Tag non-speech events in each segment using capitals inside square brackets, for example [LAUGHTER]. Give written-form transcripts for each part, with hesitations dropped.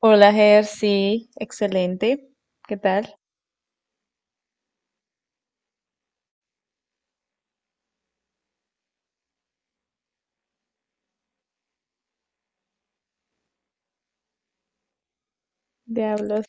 Hola, Ger, sí, excelente. ¿Qué tal? Diablos.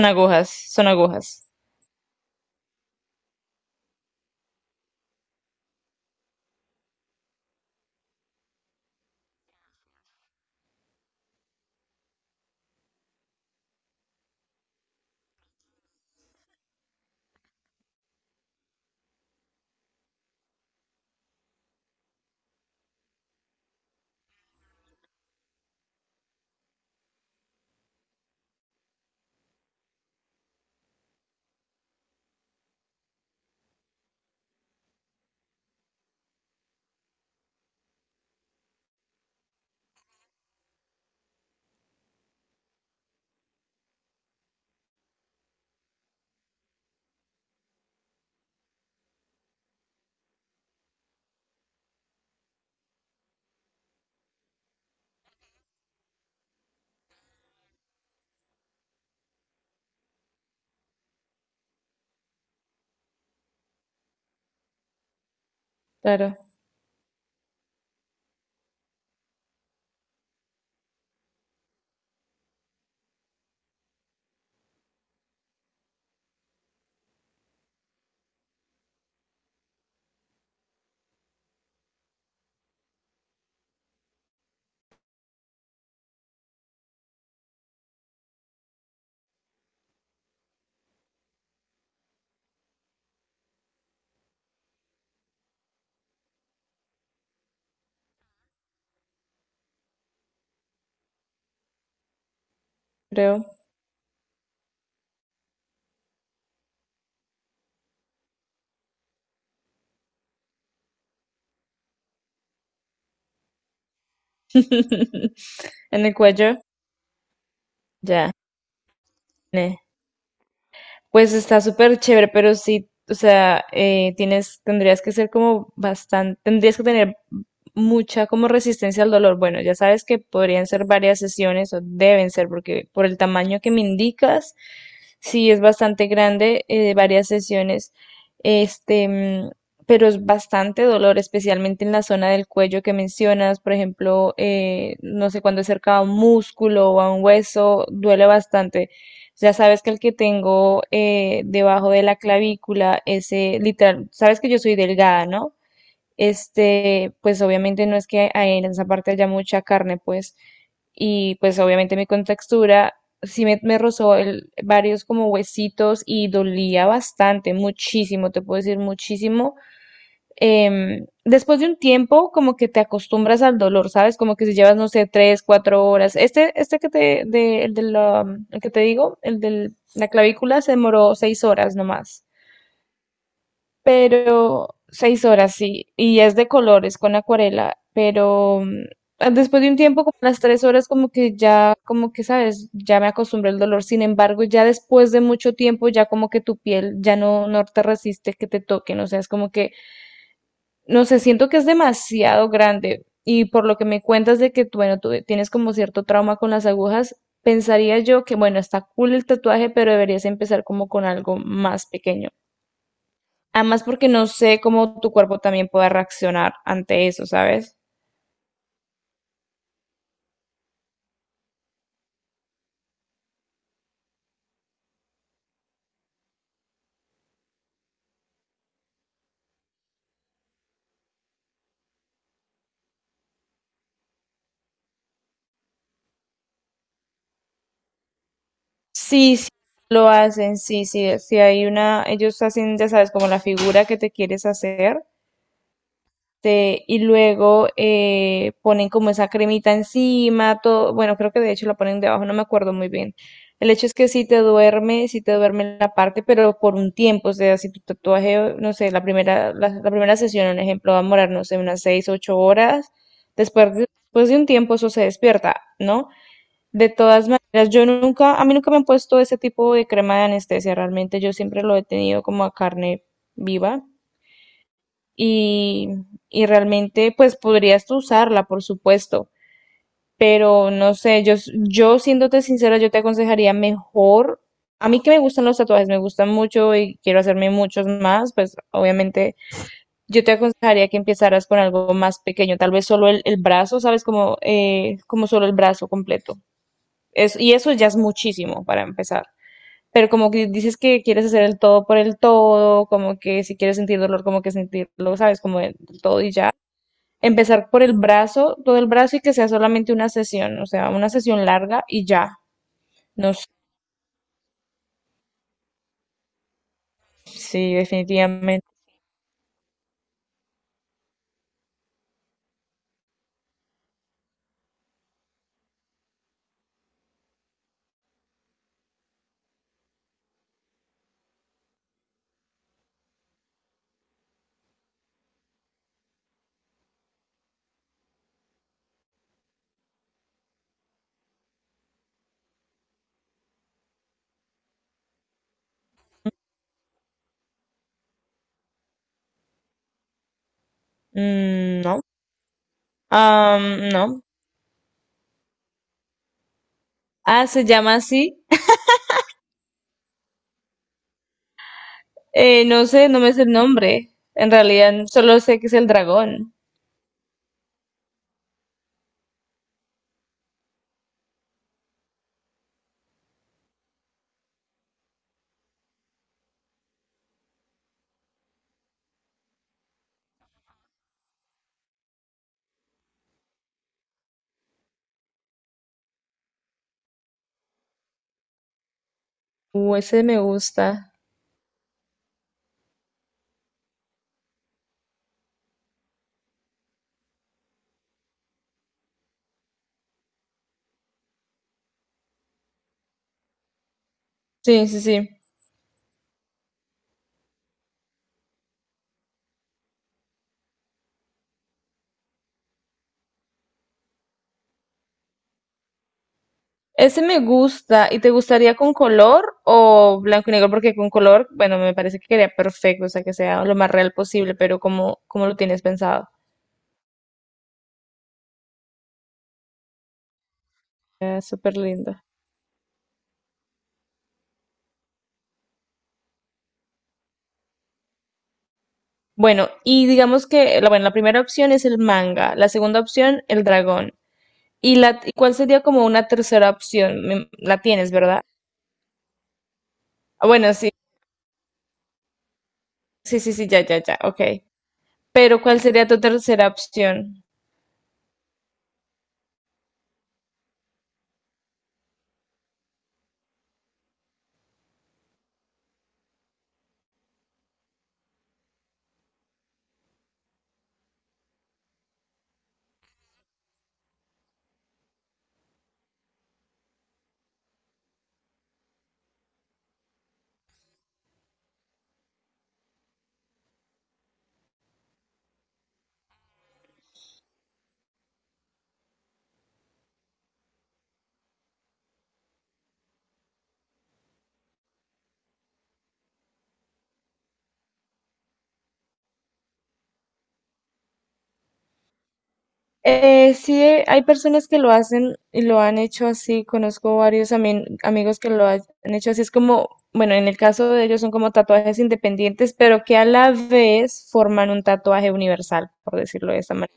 Son agujas, son agujas. Claro, creo. [LAUGHS] En el cuello, ya. Ne. Pues está súper chévere, pero sí, o sea, tienes, tendrías que tener mucha como resistencia al dolor. Bueno, ya sabes que podrían ser varias sesiones o deben ser, porque por el tamaño que me indicas, sí es bastante grande, varias sesiones, este, pero es bastante dolor, especialmente en la zona del cuello que mencionas, por ejemplo, no sé, cuando es cerca a un músculo o a un hueso, duele bastante. Ya sabes que el que tengo debajo de la clavícula, ese literal, sabes que yo soy delgada, ¿no? Este, pues obviamente no es que hay en esa parte haya mucha carne, pues, y pues obviamente mi contextura sí me rozó varios como huesitos y dolía bastante, muchísimo, te puedo decir muchísimo después de un tiempo, como que te acostumbras al dolor, ¿sabes? Como que si llevas, no sé, 3, 4 horas. Este, este que te, de, el de la, el que te digo, el de la clavícula, se demoró 6 horas nomás. Pero 6 horas, sí. Y es de colores, con acuarela. Pero después de un tiempo, como las 3 horas, como que ya, como que, ¿sabes? Ya me acostumbré al dolor. Sin embargo, ya después de mucho tiempo, ya como que tu piel ya no te resiste que te toquen. O sea, es como que no sé, siento que es demasiado grande y por lo que me cuentas de que, tú, bueno, tú tienes como cierto trauma con las agujas, pensaría yo que, bueno, está cool el tatuaje, pero deberías empezar como con algo más pequeño. Además, porque no sé cómo tu cuerpo también pueda reaccionar ante eso, ¿sabes? Sí, sí, lo hacen, sí, sí, sí hay una, ellos hacen, ya sabes, como la figura que te quieres hacer. Este, y luego ponen como esa cremita encima, todo, bueno, creo que de hecho la ponen debajo, no me acuerdo muy bien. El hecho es que si te duerme, si te duerme en la parte, pero por un tiempo, o sea, si tu tatuaje, no sé, la primera sesión, un ejemplo, va a morar, no sé, unas 6, 8 horas, después de, después de un tiempo eso se despierta, ¿no? De todas maneras, yo nunca, a mí nunca me han puesto ese tipo de crema de anestesia, realmente yo siempre lo he tenido como a carne viva y, y realmente pues podrías tú usarla, por supuesto, pero no sé, yo, yo siéndote sincera, yo te aconsejaría mejor, a mí que me gustan los tatuajes, me gustan mucho y quiero hacerme muchos más, pues obviamente yo te aconsejaría que empezaras con algo más pequeño, tal vez solo el brazo, ¿sabes? Como, como solo el brazo completo. Es, y eso ya es muchísimo para empezar. Pero como que dices que quieres hacer el todo por el todo, como que si quieres sentir dolor, como que sentirlo, ¿sabes? Como el todo y ya empezar por el brazo, todo el brazo y que sea solamente una sesión, o sea, una sesión larga y ya. No sé, sí, definitivamente. Mm, no. Am, no. Ah, se llama así. [LAUGHS] No sé, no me sé el nombre. En realidad, solo sé que es el dragón. Ese me gusta. Sí, sí, sí. Ese me gusta. ¿Y te gustaría con color o blanco y negro? Porque con color, bueno, me parece que quedaría perfecto, o sea, que sea lo más real posible, pero cómo lo tienes pensado? Súper lindo. Bueno, y digamos que, bueno, la primera opción es el manga, la segunda opción el dragón. ¿Y y cuál sería como una tercera opción? La tienes, ¿verdad? Ah, bueno, sí, sí, sí, sí, ya, ya, ya, ok. Pero ¿cuál sería tu tercera opción? Sí, hay personas que lo hacen y lo han hecho así. Conozco varios amigos que han hecho así. Es como, bueno, en el caso de ellos son como tatuajes independientes, pero que a la vez forman un tatuaje universal, por decirlo de esta manera.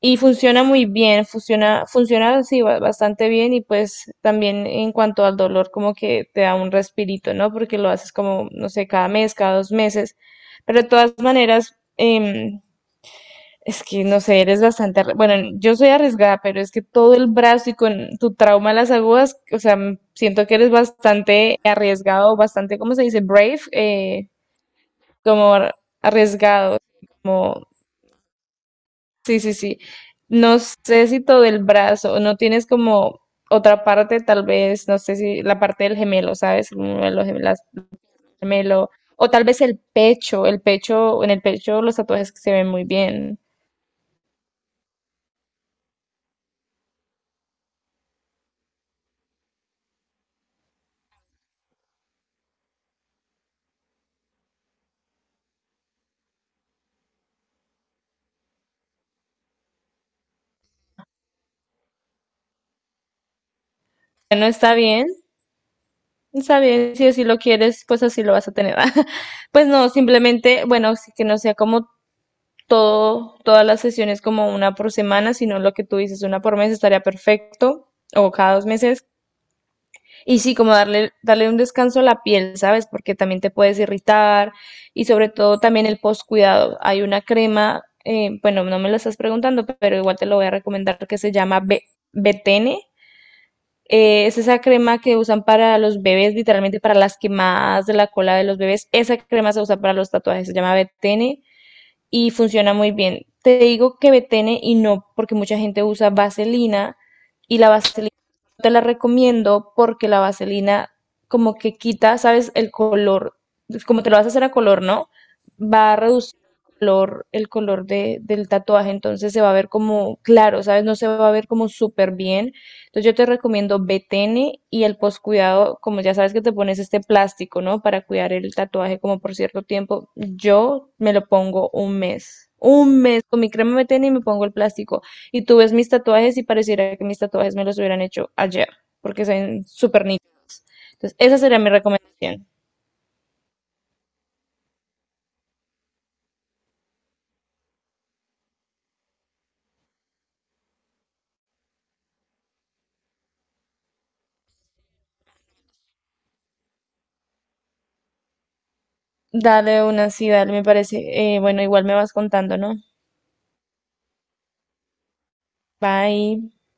Y funciona muy bien, funciona así bastante bien y pues también en cuanto al dolor como que te da un respirito, ¿no? Porque lo haces como, no sé, cada mes, cada 2 meses. Pero de todas maneras, es que no sé, eres bastante, bueno, yo soy arriesgada, pero es que todo el brazo y con tu trauma de las agujas, o sea, siento que eres bastante arriesgado, bastante, ¿cómo se dice? Brave, como arriesgado, como sí, sí, sí. No sé si todo el brazo, no tienes como otra parte, tal vez, no sé si la parte del gemelo, ¿sabes? El gemelo, o tal vez el pecho, en el pecho los tatuajes que se ven muy bien. Bueno, está bien, si así lo quieres, pues así lo vas a tener. [LAUGHS] Pues no, simplemente, bueno, sí que no sea como todas las sesiones como una por semana, sino lo que tú dices, una por mes estaría perfecto, o cada 2 meses. Y sí, como darle un descanso a la piel, ¿sabes? Porque también te puedes irritar y sobre todo también el postcuidado. Hay una crema, bueno, no me lo estás preguntando, pero igual te lo voy a recomendar que se llama Betene. Es esa crema que usan para los bebés, literalmente para las quemadas de la cola de los bebés. Esa crema se usa para los tatuajes, se llama Betene y funciona muy bien. Te digo que betene y no, porque mucha gente usa vaselina y la vaselina no te la recomiendo porque la vaselina como que quita, ¿sabes? El color, como te lo vas a hacer a color, ¿no? Va a reducir el color de, del tatuaje, entonces se va a ver como claro, ¿sabes? No se va a ver como súper bien. Entonces yo te recomiendo BTN y el postcuidado, como ya sabes que te pones este plástico, ¿no? Para cuidar el tatuaje como por cierto tiempo. Yo me lo pongo un mes. Un mes con mi crema BTN y me pongo el plástico. Y tú ves mis tatuajes y pareciera que mis tatuajes me los hubieran hecho ayer, porque son súper nítidos. Entonces esa sería mi recomendación. Dale una sí, dale, me parece. Bueno, igual me vas contando, ¿no? Bye.